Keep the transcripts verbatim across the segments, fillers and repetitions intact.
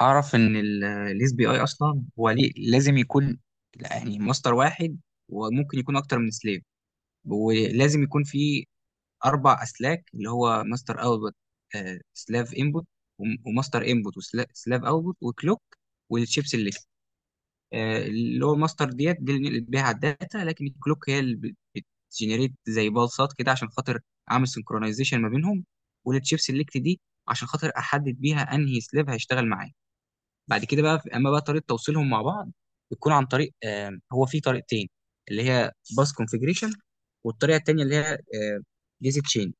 اعرف ان الاس بي اي اصلا هو ليه لازم يكون يعني ماستر واحد، وممكن يكون اكتر من سليف، ولازم يكون في اربع اسلاك اللي هو ماستر اوتبوت، سلاف انبوت، وماستر انبوت، وسلاف اوتبوت، وكلوك. والشيبس اللي آه، اللي هو الماستر ديت دي اللي بنقلب بيها على الداتا، لكن الكلوك هي اللي بتجنريت زي بالصات كده عشان خاطر اعمل سنكرونايزيشن ما بينهم، والتشيبس الليكت دي عشان خاطر احدد بيها انهي سلاف هيشتغل معايا. بعد كده بقى اما بقى طريقه توصيلهم مع بعض، بتكون عن طريق آه، هو في طريقتين، اللي هي باس كونفيجريشن، والطريقه التانيه اللي هي جيزي تشين.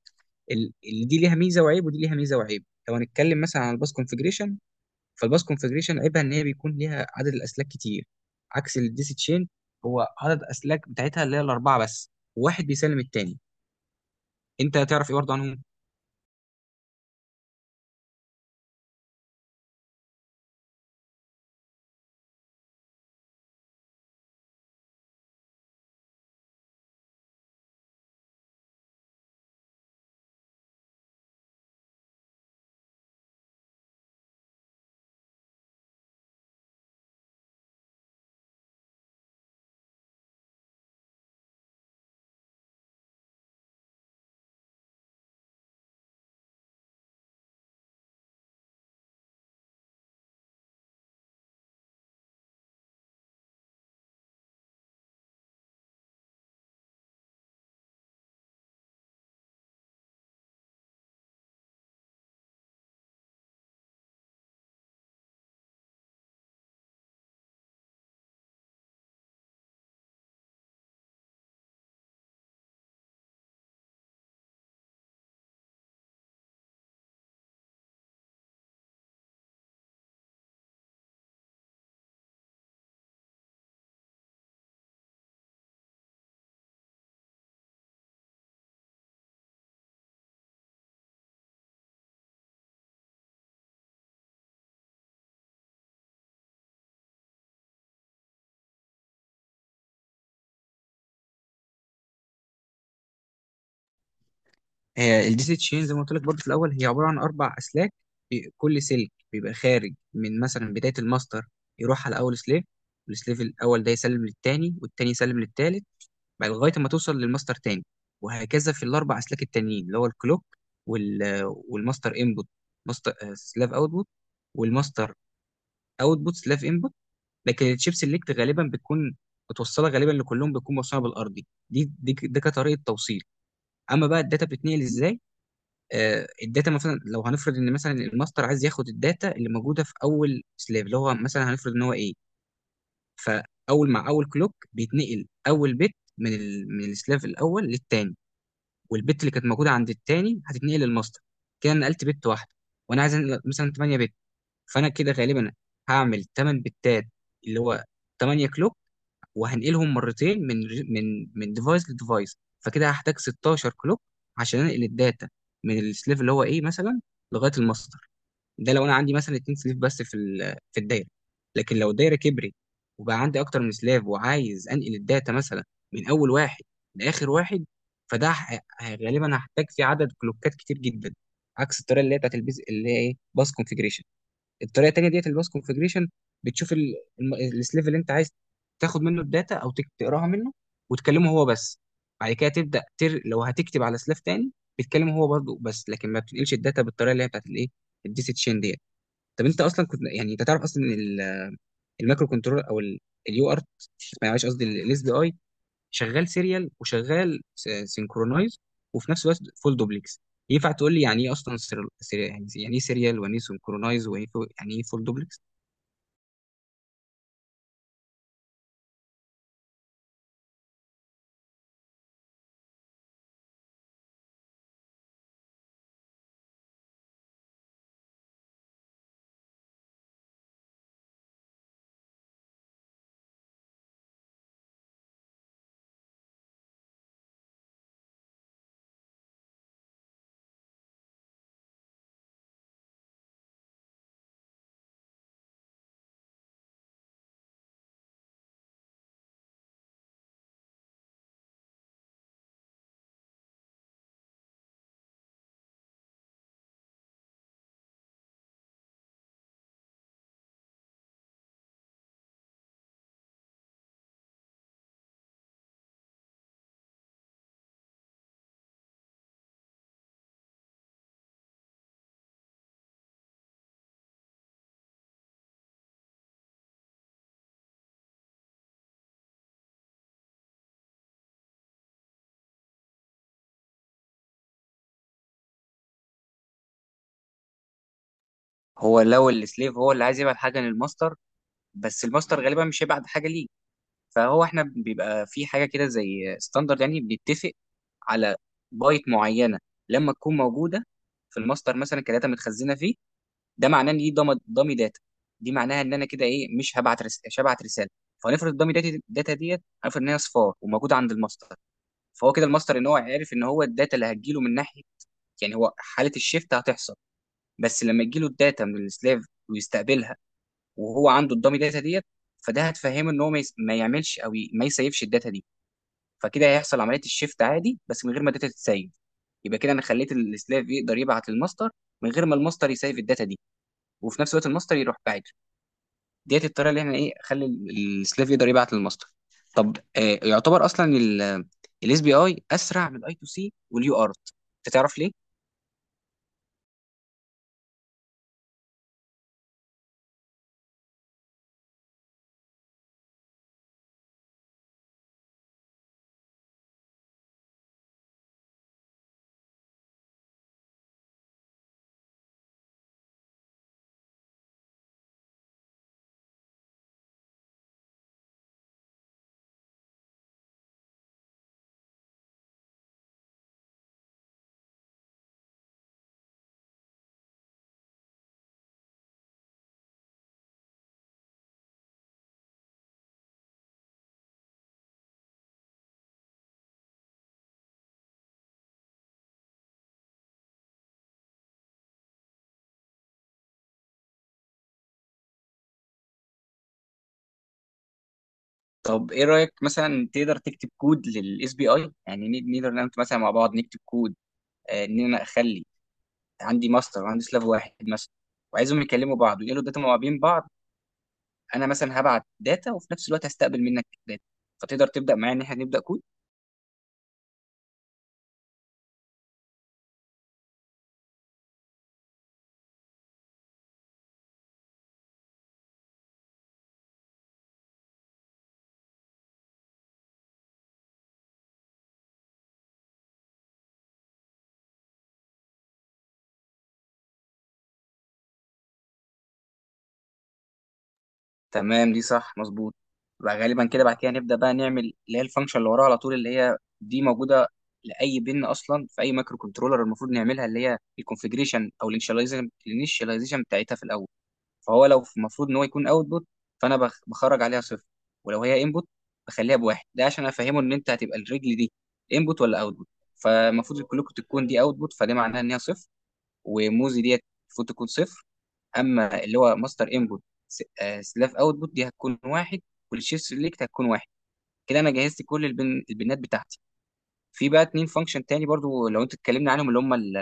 اللي دي ليها ميزه وعيب، ودي ليها ميزه وعيب. لو هنتكلم مثلا عن الباس كونفيجريشن، فالباس كونفيجريشن عيبها ان هي بيكون ليها عدد الاسلاك كتير عكس الديزي تشين، هو عدد الاسلاك بتاعتها اللي هي الاربعه بس، واحد بيسلم التاني. انت هتعرف ايه برضه عنهم؟ هي الدي سي تشين زي ما قلت لك برضه في الاول هي عباره عن اربع اسلاك. بي- كل سلك بيبقى خارج من مثلا بدايه الماستر، يروح على اول سليف، والسليف الاول ده يسلم للتاني، والتاني يسلم للتالت، بعد لغايه ما توصل للماستر تاني، وهكذا في الاربع اسلاك التانيين اللي هو الكلوك وال والماستر انبوت، ماستر آه، سلاف اوتبوت، والماستر اوتبوت سلاف انبوت. لكن الشيب سيلكت غالبا بتكون متوصله غالبا لكلهم، بتكون موصله بالارضي، دي دي ده كطريقه توصيل. اما بقى الداتا بتتنقل ازاي، آه، الداتا مثلا لو هنفرض ان مثلا الماستر عايز ياخد الداتا اللي موجوده في اول سلاف اللي هو مثلا هنفرض ان هو ايه، فاول مع اول كلوك بيتنقل اول بت من ال... من السلاف الاول للتاني، والبت اللي كانت موجوده عند التاني هتتنقل للماستر. كده أنا نقلت بت واحده، وانا عايز أنقل مثلا تمانية بت، فانا كده غالبا هعمل تمانية بتات اللي هو تمانية كلوك، وهنقلهم مرتين من من من ديفايس لديفايس، فكده هحتاج ستاشر كلوك عشان انقل الداتا من السليف اللي هو ايه مثلا لغايه الماستر. ده لو انا عندي مثلا اتنين سليف بس في ال- في الدايره، لكن لو الدايره كبرت وبقى عندي اكتر من سلاف، وعايز انقل الداتا مثلا من اول واحد لاخر واحد، فده ه- غالبا هحتاج فيه عدد كلوكات كتير جدا عكس الطريقه اللي هي بتاعت البيز اللي هي ايه باس كونفيجريشن. الطريقه التانيه ديت الباس كونفجريشن بتشوف ال- الم- السليف اللي انت عايز تاخد منه الداتا او تك- تقراها منه، وتكلمه هو بس، بعد كده تبدا تر... لو هتكتب على سلاف تاني بتكلمه هو برضه بس، لكن ما بتنقلش الداتا بالطريقه اللي هي بتاعت الايه الدي سي تشين ديت. طب انت اصلا كنت يعني انت تعرف اصلا ان ال- المايكرو كنترول او اليو ارت، معلش قصدي الاس بي اي، شغال سيريال وشغال سينكرونايز وفي نفس الوقت فول دوبلكس؟ ينفع تقول لي يعني ايه اصلا سيريال، يعني يعني ايه سيريال، ويعني ايه سينكرونايز، ويعني ايه فول دوبلكس؟ هو لو السليف هو اللي عايز يبعت حاجه للماستر، بس الماستر غالبا مش هيبعت حاجه ليه، فهو احنا بيبقى في حاجه كده زي ستاندرد، يعني بنتفق على بايت معينه لما تكون موجوده في الماستر مثلا كداتا متخزنه فيه، ده معناه ان دي ضم- ضامي داتا. دي معناها ان انا كده ايه مش هبعت رس... مش هبعت رساله. فنفرض الضامي داتا داتا ديت هنفرض ان هي صفار وموجوده عند الماستر، فهو كده الماستر ان هو عارف ان هو الداتا اللي هتجيله من ناحيه، يعني هو حاله الشيفت هتحصل. بس لما تجيله الداتا من السلاف ويستقبلها، وهو عنده الدامي داتا ديت، فده هتفهمه ان هو ما, يس... ما يعملش، او ي... ما يسيفش الداتا دي. فكده هيحصل عمليه الشيفت عادي بس من غير ما الداتا تتسيف. يبقى كده انا خليت السلاف يقدر يبعت للماستر من غير ما الماستر يسيف الداتا دي، وفي نفس الوقت الماستر يروح بعيد. ديت الطريقه اللي احنا ايه خلي ال- السلاف يقدر يبعت للماستر. طب آه يعتبر اصلا الاس بي اي اسرع من الاي تو سي واليو ارت، انت تعرف ليه؟ طب ايه رايك مثلا تقدر تكتب كود للاس بي اي، يعني ن- نقدر نعمل مثلا مع بعض نكتب كود، آه، ان انا اخلي عندي ماستر وعندي سلاف واحد مثلا، وعايزهم يكلموا بعض ويقولوا الداتا ما بين بعض، انا مثلا هبعت داتا وفي نفس الوقت هستقبل منك داتا، فتقدر تبدا معايا ان احنا نبدا كود؟ تمام، دي صح مظبوط. بقى غالبا كده بعد كده نبدا بقى نعمل اللي هي الفانكشن اللي وراها على طول اللي هي دي موجوده لاي بن اصلا في اي مايكرو كنترولر، المفروض نعملها اللي هي الكونفجريشن او الانشاليزيشن الانيشاليزيشن بتاعتها في الاول. فهو لو المفروض ان هو يكون اوتبوت، فانا بخ- بخرج عليها صفر، ولو هي انبوت بخليها بواحد، ده عشان افهمه ان انت هتبقى الرجل دي انبوت ولا اوتبوت. فالمفروض كلكم تكون دي اوتبوت، فده معناها ان هي صفر، وموزي ديت المفروض تكون صفر، اما اللي هو ماستر انبوت سلاف اوتبوت دي هتكون واحد، والشيف سيلكت هتكون واحد. كده انا جهزت كل البن... البنات بتاعتي. في بقى اتنين فانكشن تاني برضو لو انت اتكلمنا عنهم اللي هم ال-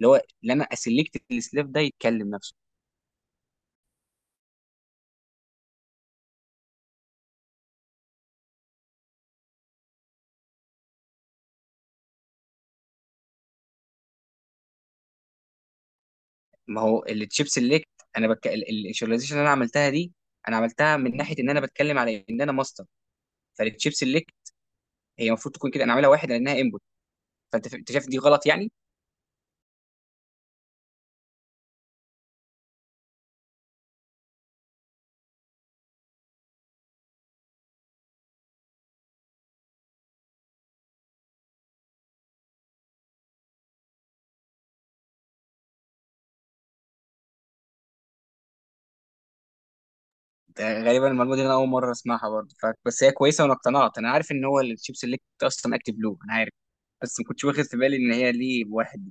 اللي هو اللي انا اسلكت السلاف ده يتكلم نفسه. ما هو التشيب سيلكت، انا بك... الفيجواليزيشن اللي انا عملتها دي انا عملتها من ناحيه ان انا بتكلم على ان انا ماستر، فالتشيب سيلكت هي المفروض تكون كده انا عاملها واحد لانها انبوت. فانت ف- انت شايف دي غلط يعني؟ ده غالبا المعلومه دي انا اول مره اسمعها برضه ف... بس هي كويسه وانا اقتنعت، انا عارف ان هو التشيب سيلكت اصلا اكتب له، انا عارف، بس ما كنتش واخد في بالي ان هي ليه واحد.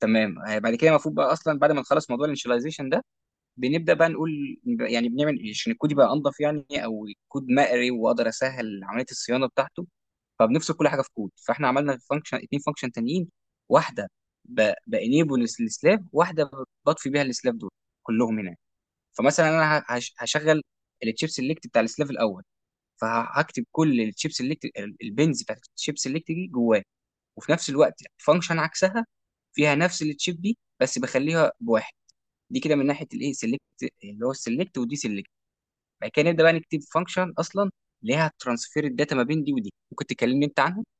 تمام، آه، بعد كده المفروض بقى اصلا بعد ما نخلص موضوع الانشاليزيشن ده، بنبدا بقى نقول يعني بنعمل إيه عشان الكود يبقى انضف يعني او كود مقري، واقدر اسهل عمليه الصيانه بتاعته. فبنفصل كل حاجه في كود، فاحنا عملنا فانكشن اتنين فانكشن تانيين، واحده بانيبل السلاف، واحده بطفي بيها السلاف دول كلهم هنا. فمثلا انا ه- هش- هشغل التشيب سيلكت بتاع السلاف الاول، فهكتب كل التشيب سيلكت البنز بتاعت التشيب سيلكت دي جواه، وفي نفس الوقت فانكشن عكسها فيها نفس التشيب دي بس بخليها بواحد. دي كده من ناحيه الايه سيلكت اللي هو السيلكت ودي سيلكت. بعد كده نبدا بقى نكتب فانكشن اصلا ليها ترانسفير الداتا ما بين دي ودي، ممكن تكلمني انت عنها؟